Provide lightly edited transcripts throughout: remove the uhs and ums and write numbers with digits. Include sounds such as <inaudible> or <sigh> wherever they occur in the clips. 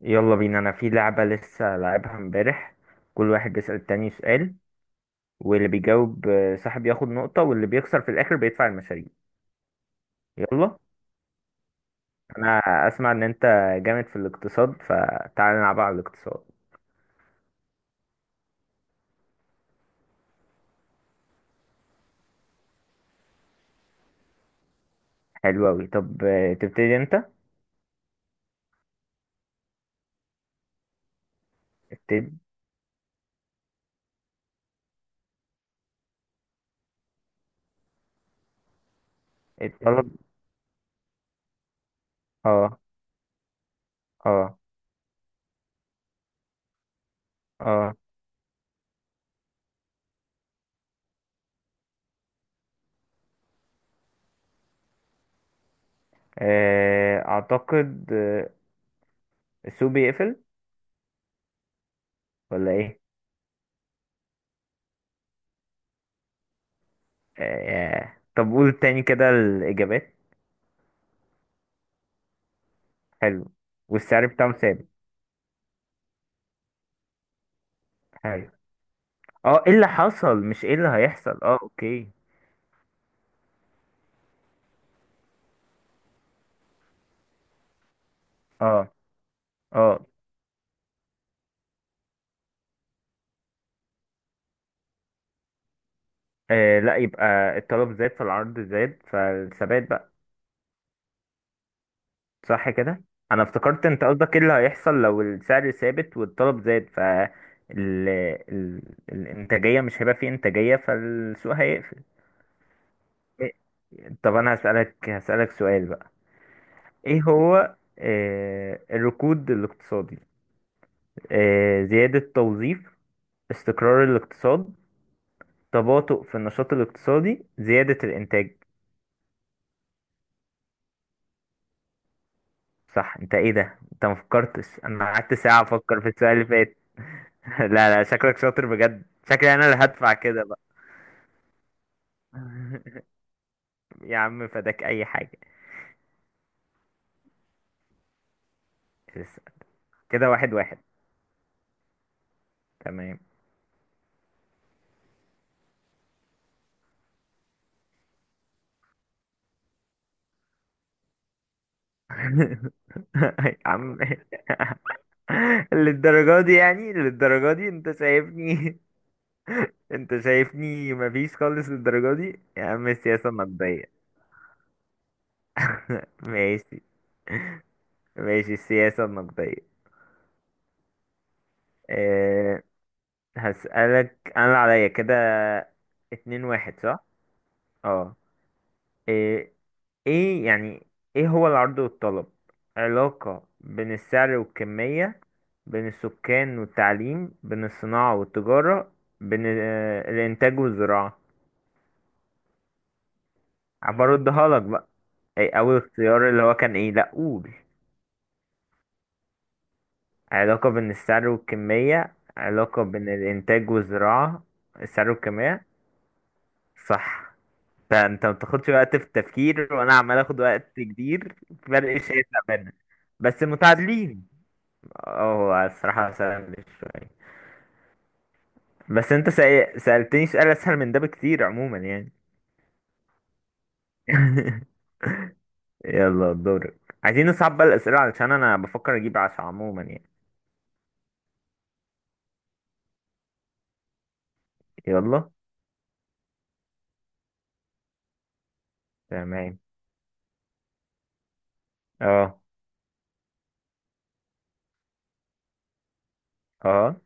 يلا بينا. انا في لعبة لسه لعبها امبارح. كل واحد بيسأل التاني سؤال، واللي بيجاوب صاحب ياخد نقطة، واللي بيخسر في الاخر بيدفع المشاريع. يلا. انا اسمع انت جامد في الاقتصاد، فتعال نلعب على الاقتصاد. حلو اوي. طب تبتدي انت؟ ابتدي الطلب. اه. اه. اه. اعتقد السوق بيقفل، ولا ايه؟ طب قول تاني كده الاجابات. حلو. والسعر بتاعه ثابت. حلو. اه، ايه اللي حصل؟ مش ايه اللي هيحصل. اه، اوكي. اه. اه. لا، يبقى الطلب زاد فالعرض زاد فالثبات بقى. صح كده. انا افتكرت انت قصدك ايه اللي هيحصل لو السعر ثابت والطلب زاد، ف ال... ال... الانتاجية مش هيبقى فيه انتاجية فالسوق هيقفل. طب انا هسألك سؤال بقى. ايه هو الركود الاقتصادي؟ زيادة توظيف؟ استقرار الاقتصاد؟ تباطؤ في النشاط الاقتصادي؟ زيادة الإنتاج؟ صح. انت ايه ده؟ انت ما فكرتش؟ انا قعدت ساعة افكر في السؤال اللي فات. <laughs> لا لا، شكلك شاطر بجد، شكلي انا اللي هدفع كده بقى. <laughs> يا عم فداك اي حاجة. اسأل. كده واحد واحد. تمام. <laughs> يا عم للدرجة دي؟ يعني للدرجة دي انت شايفني؟ <laughs> انت شايفني مفيش خالص للدرجة دي يا عم؟ السياسة النقدية. ماشي، ماشي. السياسة النقدية. أه. هسألك أنا اللي عليا كده. اتنين واحد صح؟ اه. ايه. ايه يعني ايه هو العرض والطلب؟ علاقة بين السعر والكمية؟ بين السكان والتعليم؟ بين الصناعة والتجارة؟ بين الإنتاج والزراعة؟ هبردها لك بقى. ايه أول اختيار اللي هو كان ايه؟ لأ قول. علاقة بين السعر والكمية، علاقة بين الإنتاج والزراعة. السعر والكمية. صح. فانت ما بتاخدش وقت في التفكير، وانا عمال اخد وقت كبير. فرق شاسع بينا. بس متعادلين. اه، هو الصراحة سهل شوية. بس انت سألتني سؤال اسهل من ده بكتير عموما يعني. <laughs> يلا دورك. عايزين نصعب بقى الاسئلة علشان انا بفكر اجيب عشرة عموما يعني. يلا. تمام. اه. اه.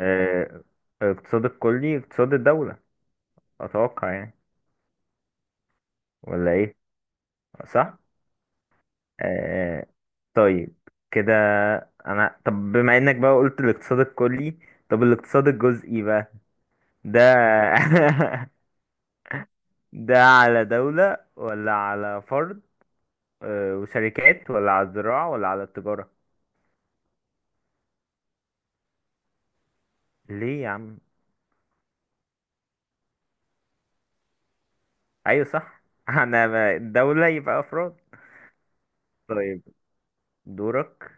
آه، اقتصاد الكلي اقتصاد الدولة، اتوقع يعني. ولا ايه؟ صح. آه. طيب. كده. انا طب بما انك بقى قلت الاقتصاد الكلي، طب الاقتصاد الجزئي بقى؟ ده <laughs> ده على دولة ولا على فرد وشركات، ولا على الزراعة، ولا على التجارة؟ ليه يا عم؟ ايوه صح. <laughs> انا ما- الدولة يبقى افراد. طيب. دورك.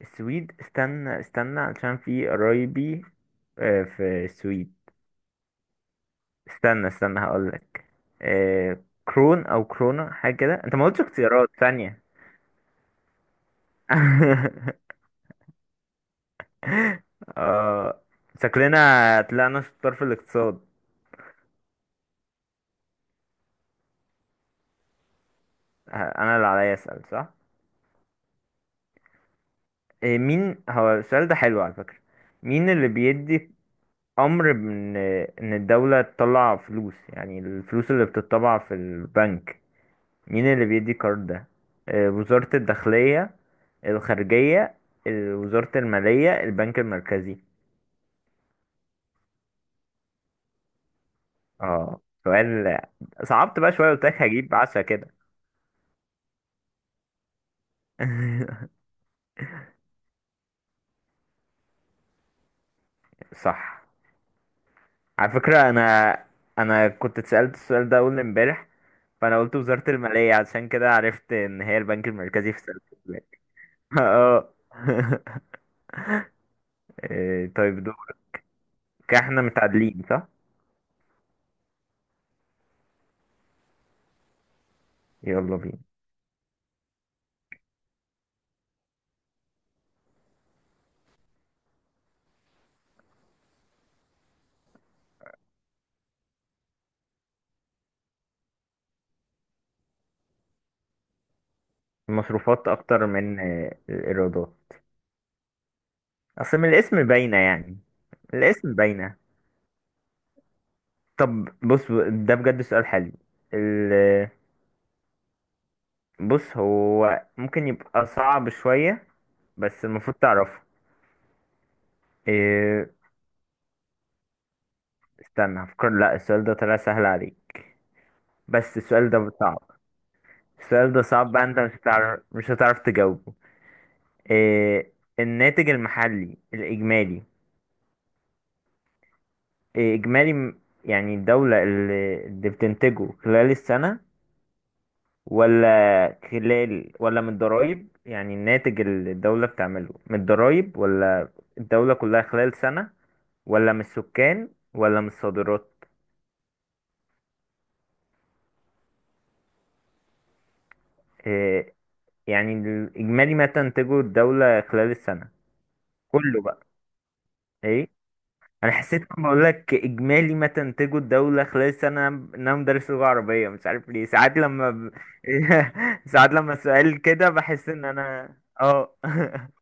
السويد، استنى استنى علشان في قرايبي في السويد. استنى استنى هقولك. إيه كرون او كرونا حاجه كده. انت ما قلتش اختيارات ثانيه. <laughs> اه. شكلنا طلعنا شطار في الاقتصاد. ه- انا اللي عليا اسال صح. إيه، مين هو؟ السؤال ده حلو على فكره. مين اللي بيدي امر ان الدوله تطلع فلوس؟ يعني الفلوس اللي بتطبع في البنك مين اللي بيدي القرار ده؟ إيه، وزاره الداخليه؟ الخارجيه؟ وزاره الماليه؟ البنك المركزي؟ اه سؤال. صعبت بقى شوية، قلت لك هجيب عشرة كده. <laughs> صح. على فكرة أنا، أنا كنت اتسألت السؤال ده أول امبارح، فأنا قلت وزارة المالية، عشان كده عرفت إن هي البنك المركزي في سنة الفلات. <laughs> اه. <laughs> إيه، طيب دول. كده احنا متعادلين صح؟ يلا بينا. المصروفات أكتر من الإيرادات. أصل من الاسم باينة يعني. الاسم باينة. طب بص، ده بجد سؤال حلو. بص، هو ممكن يبقى صعب شوية بس المفروض تعرفه. إيه، استنى هفكر. لا السؤال ده طلع سهل عليك. بس السؤال ده صعب. السؤال ده صعب بقى، انت مش هتعرف، مش هتعرف تجاوبه. إيه، الناتج المحلي الإجمالي. إيه، إجمالي يعني الدولة اللي بتنتجه خلال السنة، ولا خلال ولا من الضرايب؟ يعني الناتج اللي الدولة بتعمله من الضرايب، ولا الدولة كلها خلال سنة، ولا من السكان، ولا من الصادرات؟ إيه يعني الإجمالي ما تنتجه الدولة خلال السنة كله بقى. إيه. أنا حسيت لما بقول لك إجمالي ما تنتجه الدولة خلال السنة إن أنا مدرس لغة عربية، مش عارف ليه ساعات لما <laughs> ساعات لما السؤال كده بحس إن أنا. اه. <laughs>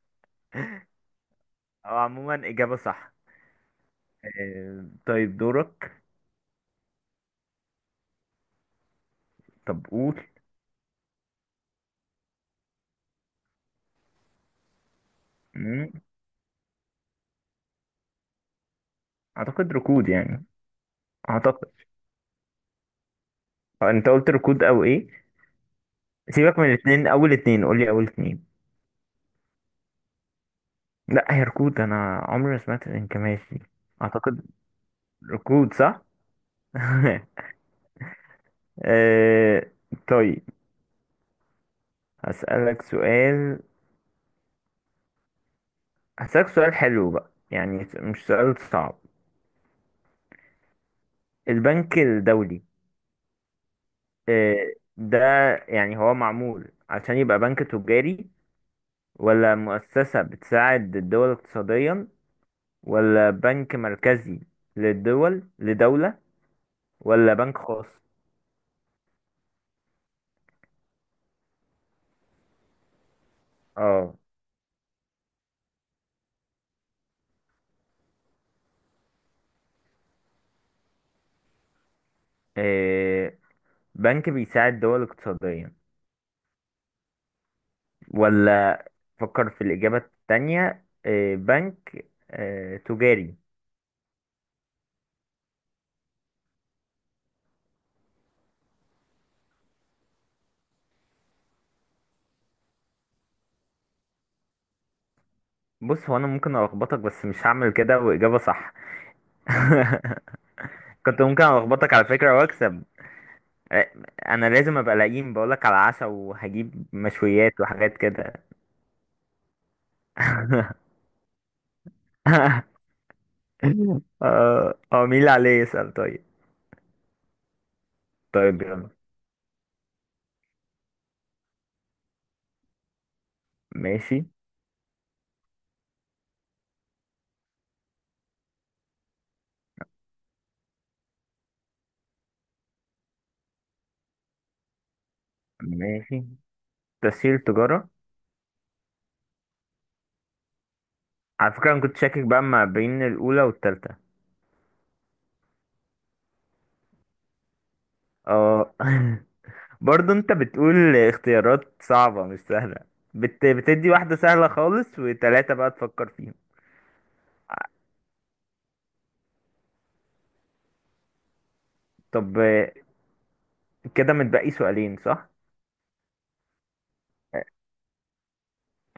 أو عموما إجابة صح. إيه، طيب دورك. طب قول. مم. اعتقد ركود يعني. اعتقد. انت قلت ركود او ايه؟ سيبك من الاثنين، اول اتنين قول لي اول اتنين. لا هي ركود، انا عمري ما سمعت الانكماش دي. اعتقد. ركود صح. <laughs> آه، طيب، هسألك سؤال، هسألك سؤال حلو بقى يعني. مش سؤال صعب. البنك الدولي ده، يعني هو معمول عشان يبقى بنك تجاري، ولا مؤسسة بتساعد الدول اقتصاديا، ولا بنك مركزي للدول لدولة، ولا بنك خاص؟ اه. إيه، بنك بيساعد دول اقتصاديا، ولا؟ فكر في الإجابة التانية. إيه، بنك إيه؟ تجاري؟ بص، هو أنا ممكن ألخبطك بس مش هعمل كده، وإجابة صح. كنت ممكن ألخبطك على فكرة وأكسب. إيه، أنا لازم أبقى لئيم، بقولك على عشا وهجيب مشويات وحاجات كده. <laughs> اه، مين اللي عليه يسأل طيب؟ طيب يلا. ماشي. ماشي. تسهيل تجارة. على فكرة أنا كنت شاكك بقى ما بين الأولى والتالتة. اه. <laughs> برضه أنت بتقول اختيارات صعبة مش سهلة. بتدي واحدة سهلة خالص وتلاتة بقى تفكر فيهم. طب كده متبقي سؤالين صح؟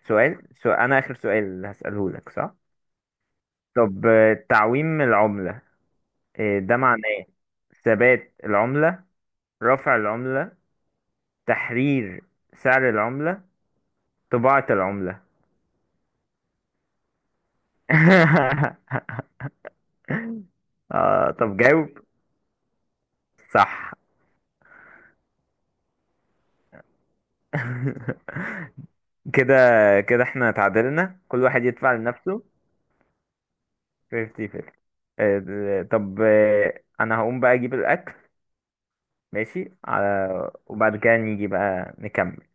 سؤال, سؤال أنا آخر سؤال اللي هسأله لك صح؟ طب تعويم العملة ده معناه ثبات العملة، رفع العملة، تحرير سعر العملة، طباعة العملة؟ <laughs> آه طب جاوب. صح. <laughs> كده، كده احنا تعادلنا، كل واحد يدفع لنفسه. 50 50. طب انا هقوم بقى اجيب الاكل. ماشي على، وبعد كده نيجي بقى نكمل.